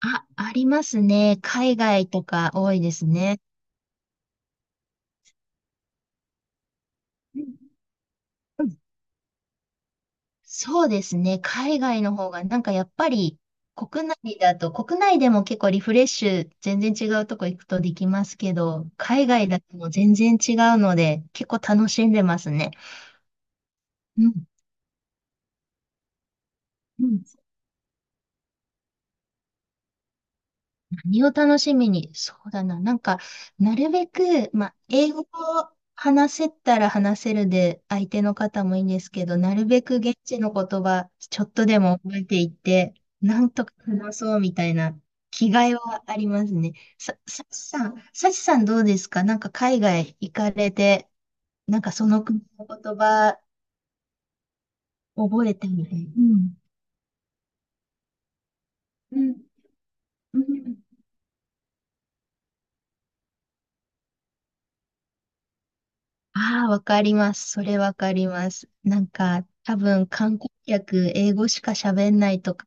あ、ありますね。海外とか多いですね。うんうん。そうですね。海外の方が、なんかやっぱり国内でも結構リフレッシュ、全然違うとこ行くとできますけど、海外だともう全然違うので、結構楽しんでますね。うん。何を楽しみに、そうだな。なんか、なるべく、まあ、英語を話せたら話せるで、相手の方もいいんですけど、なるべく現地の言葉、ちょっとでも覚えていって、なんとか話そうみたいな気概はありますね。さちさんどうですか、なんか海外行かれて、なんかその国の言葉覚えてみたいな。うん。うん。うん。ああ、わかります。それわかります。なんか、多分観光客、英語しか喋んないとか、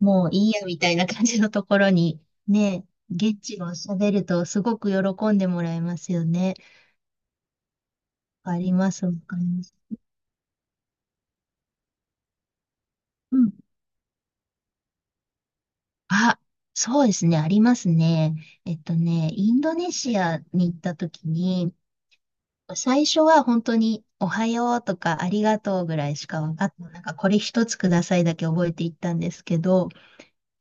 もういいやみたいな感じのところに、ね、現地語を喋るとすごく喜んでもらえますよね。わかります、わかります。うん。あ、そうですね、ありますね。インドネシアに行った時に、最初は本当におはようとかありがとうぐらいしか分かって、なんかこれ一つくださいだけ覚えていったんですけど、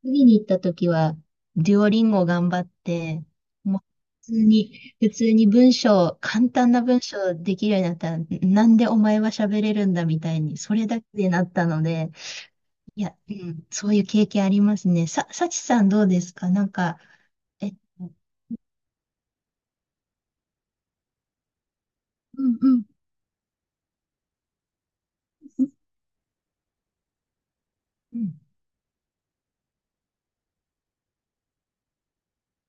次に行った時は、デュオリンゴ頑張って、もう普通に文章、簡単な文章できるようになったら、なんでお前は喋れるんだみたいに、それだけでなったので、いや、うん、そういう経験ありますね。さちさんどうですか、なんか、えっと、うんうん、うん、うん、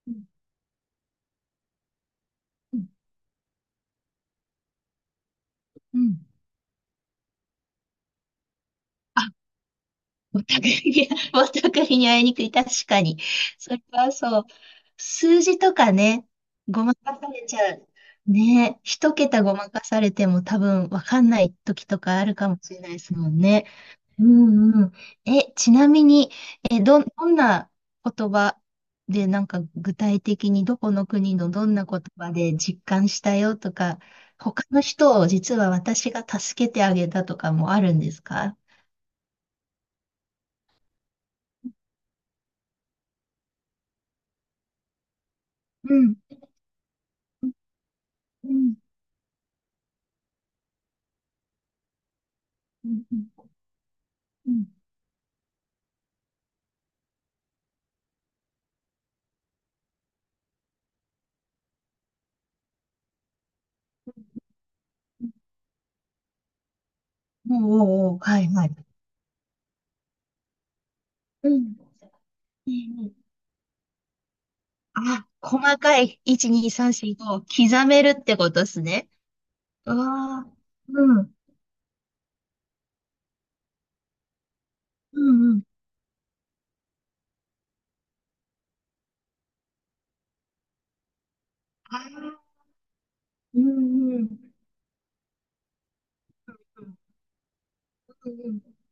うん、うん。お互いに、お互いに会いにくい。確かに。それはそう。数字とかね、ごまかされちゃう。ね、一桁ごまかされても多分わかんない時とかあるかもしれないですもんね。うんうん。え、ちなみに、え、どん、どんな言葉で、なんか具体的にどこの国のどんな言葉で実感したよとか、他の人を実は私が助けてあげたとかもあるんですか？うん。うんうんうんうん。おうおうおう、はいはい。うん。ねえ、あ、細かい。1、2、3、4、5。刻めるってことですね。うわあ。うん。うんうん。ああ。うんうん。うんうん。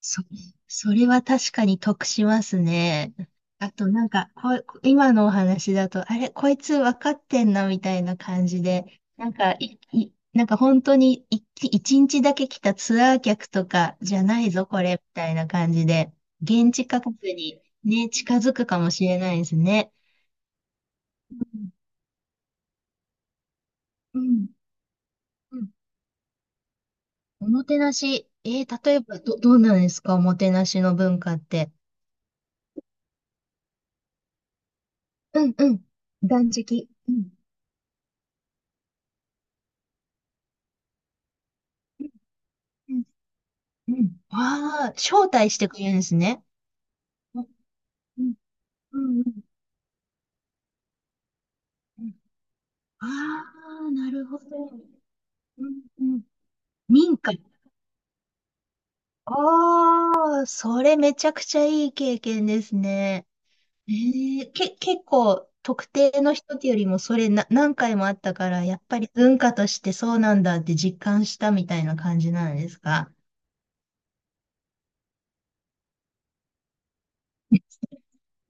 そ、それは確かに得しますね。あとなんか、こう、今のお話だと、あれ、こいつ分かってんなみたいな感じで、なんか、本当に一日だけ来たツアー客とかじゃないぞ、これ、みたいな感じで、現地価格にね、近づくかもしれないですね。うん、うん、うん。おもてなし、例えばどうなんですか、おもてなしの文化って。うん、うん、断食。うん、うんうん。ああ、招待してくれるんですね。うん、うん、うん。うん。ああ、なるほど。うん、うん。民家。ああ、それめちゃくちゃいい経験ですね。ええ、結構特定の人ってよりもそれな、何回もあったから、やっぱり文化としてそうなんだって実感したみたいな感じなんですか？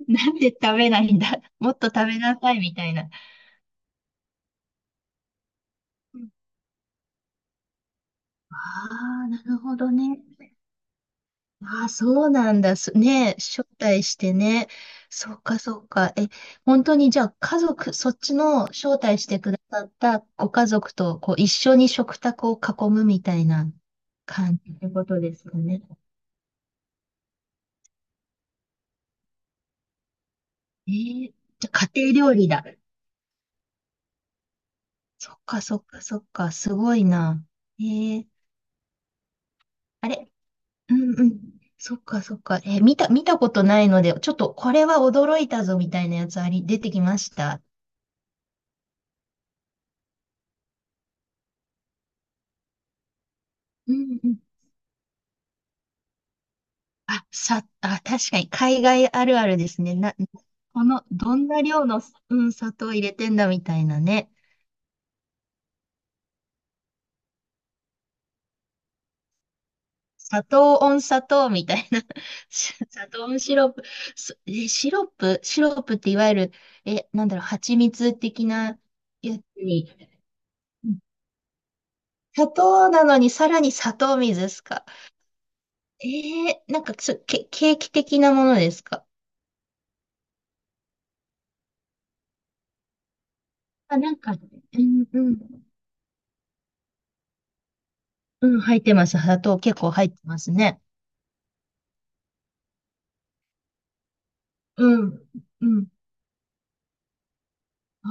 なんで食べないんだ、もっと食べなさいみたいな。ああ、なるほどね。ああ、そうなんだ。すね、招待してね。そうか、そうか。え、本当にじゃあそっちの招待してくださったご家族とこう一緒に食卓を囲むみたいな感じってことですかね。えー、じゃあ家庭料理だ。そっか、そっか、そっか。すごいな。えー、あれ。うんうん。そっか、そっか。見たことないので、ちょっとこれは驚いたぞみたいなやつあり、出てきました。うんうん。あ、確かに海外あるあるですね。な、この、どんな量の、うん、砂糖入れてんだみたいなね。砂糖温砂糖みたいな。砂糖温シロップ。シロップ、シロップっていわゆる、え、なんだろう、蜂蜜的なやつに。うん。砂糖なのにさらに砂糖水ですか。えー、なんかケーキ的なものですか。あ、なんか、うん、うん、うん、入ってます。砂糖結構入ってますね。うん、うん。あ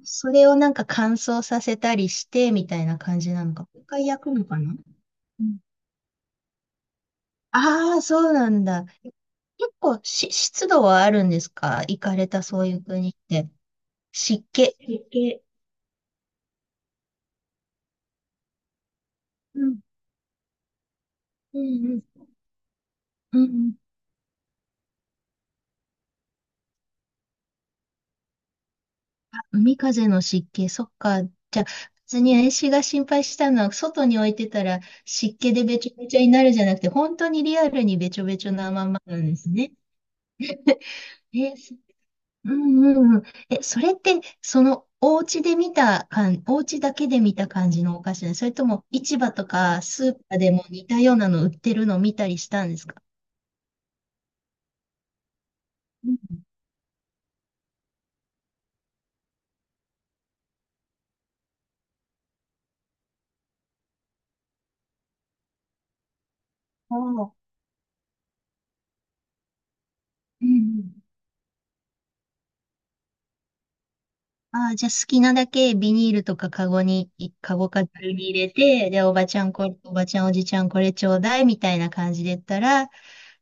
あ、それをなんか乾燥させたりして、みたいな感じなのか。もう一回焼くのかな。うん。ああ、そうなんだ。結構湿度はあるんですか、行かれたそういう国って。湿気。湿気。うん。うんうん。うんうん。あ、海風の湿気。そっか。じゃあ、別に私が心配したのは、外に置いてたら湿気でべちょべちょになるじゃなくて、本当にリアルにべちょべちょなままなんですね。えーす。うんうんうん。え、それって、その、お家で見た感、お家だけで見た感じのお菓子ね。それとも、市場とかスーパーでも似たようなの売ってるのを見たりしたんですか？うん。おー。うんうん。ああ、じゃあ好きなだけビニールとかカゴに、カゴかざるに入れて、で、おばちゃんこれ、おばちゃんおじちゃんこれちょうだいみたいな感じで言ったら、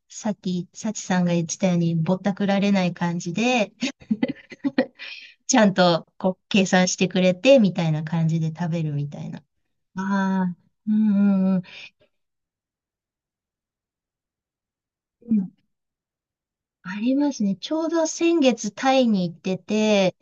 さっき、さちさんが言ってたように、ぼったくられない感じで、ちゃんとこう計算してくれて、みたいな感じで食べるみたいな。ああ、うんうんうん。うん。ありますね。ちょうど先月タイに行ってて、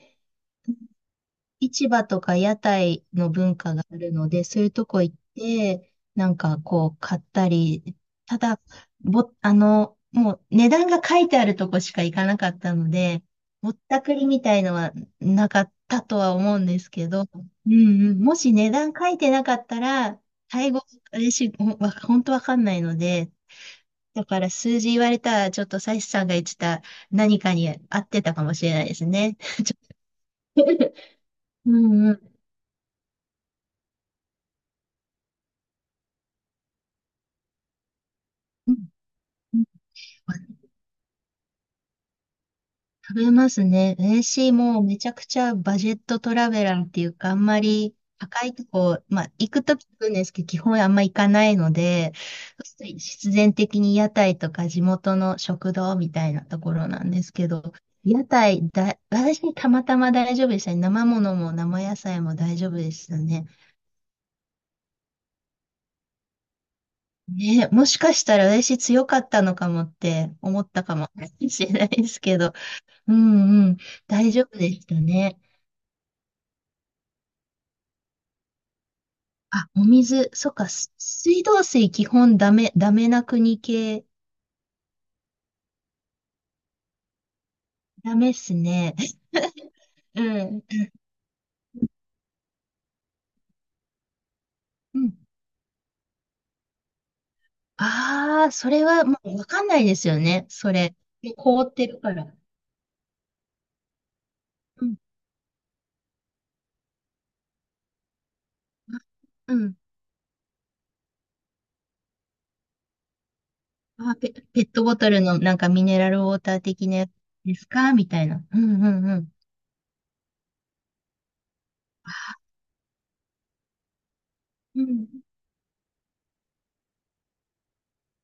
市場とか屋台の文化があるので、そういうとこ行って、なんかこう買ったり、ただ、ぼ、あの、もう値段が書いてあるとこしか行かなかったので、ぼったくりみたいのはなかったとは思うんですけど、うんうん、もし値段書いてなかったら、タイ語、私、ほんわ本当わかんないので、だから数字言われたら、ちょっとサイスさんが言ってた何かに合ってたかもしれないですね。ちょうんうん。うんうん。食べますね。私もうめちゃくちゃバジェットトラベラーっていうか、あんまり高いとこ、まあ行くとき行くんですけど、基本あんま行かないので、そうすると必然的に屋台とか地元の食堂みたいなところなんですけど、屋台だ、私たまたま大丈夫でしたね。生ものも生野菜も大丈夫でしたね。ね、もしかしたら私強かったのかもって思ったかも しれないですけど、うんうん、大丈夫でしたね。あ、お水、そっか、水道水基本ダメ、な国系、ダメっすね。うん。うん。ああ、それはもうわかんないですよね、それ。凍ってるから。うん。うん。あ、ペットボトルのなんかミネラルウォーター的なやつですかみたいな。うんうんうん。うん。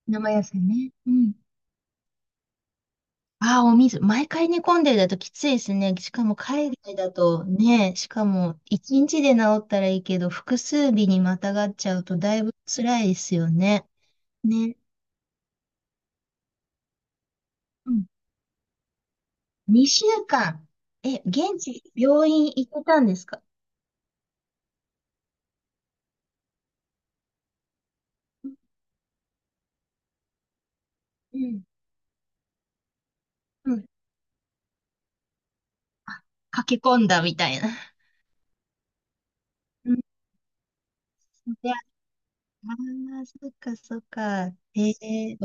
生野菜ね。うん。ああ、お水、毎回煮込んでるだときついですね。しかも海外だとね、しかも一日で治ったらいいけど、複数日にまたがっちゃうとだいぶ辛いですよね。ね。うん。2週間。え、現地、病院行ってたんですか？うん。うん。あ、駆け込んだみたいな。うん。いや、ああ、そっかそっか。ええ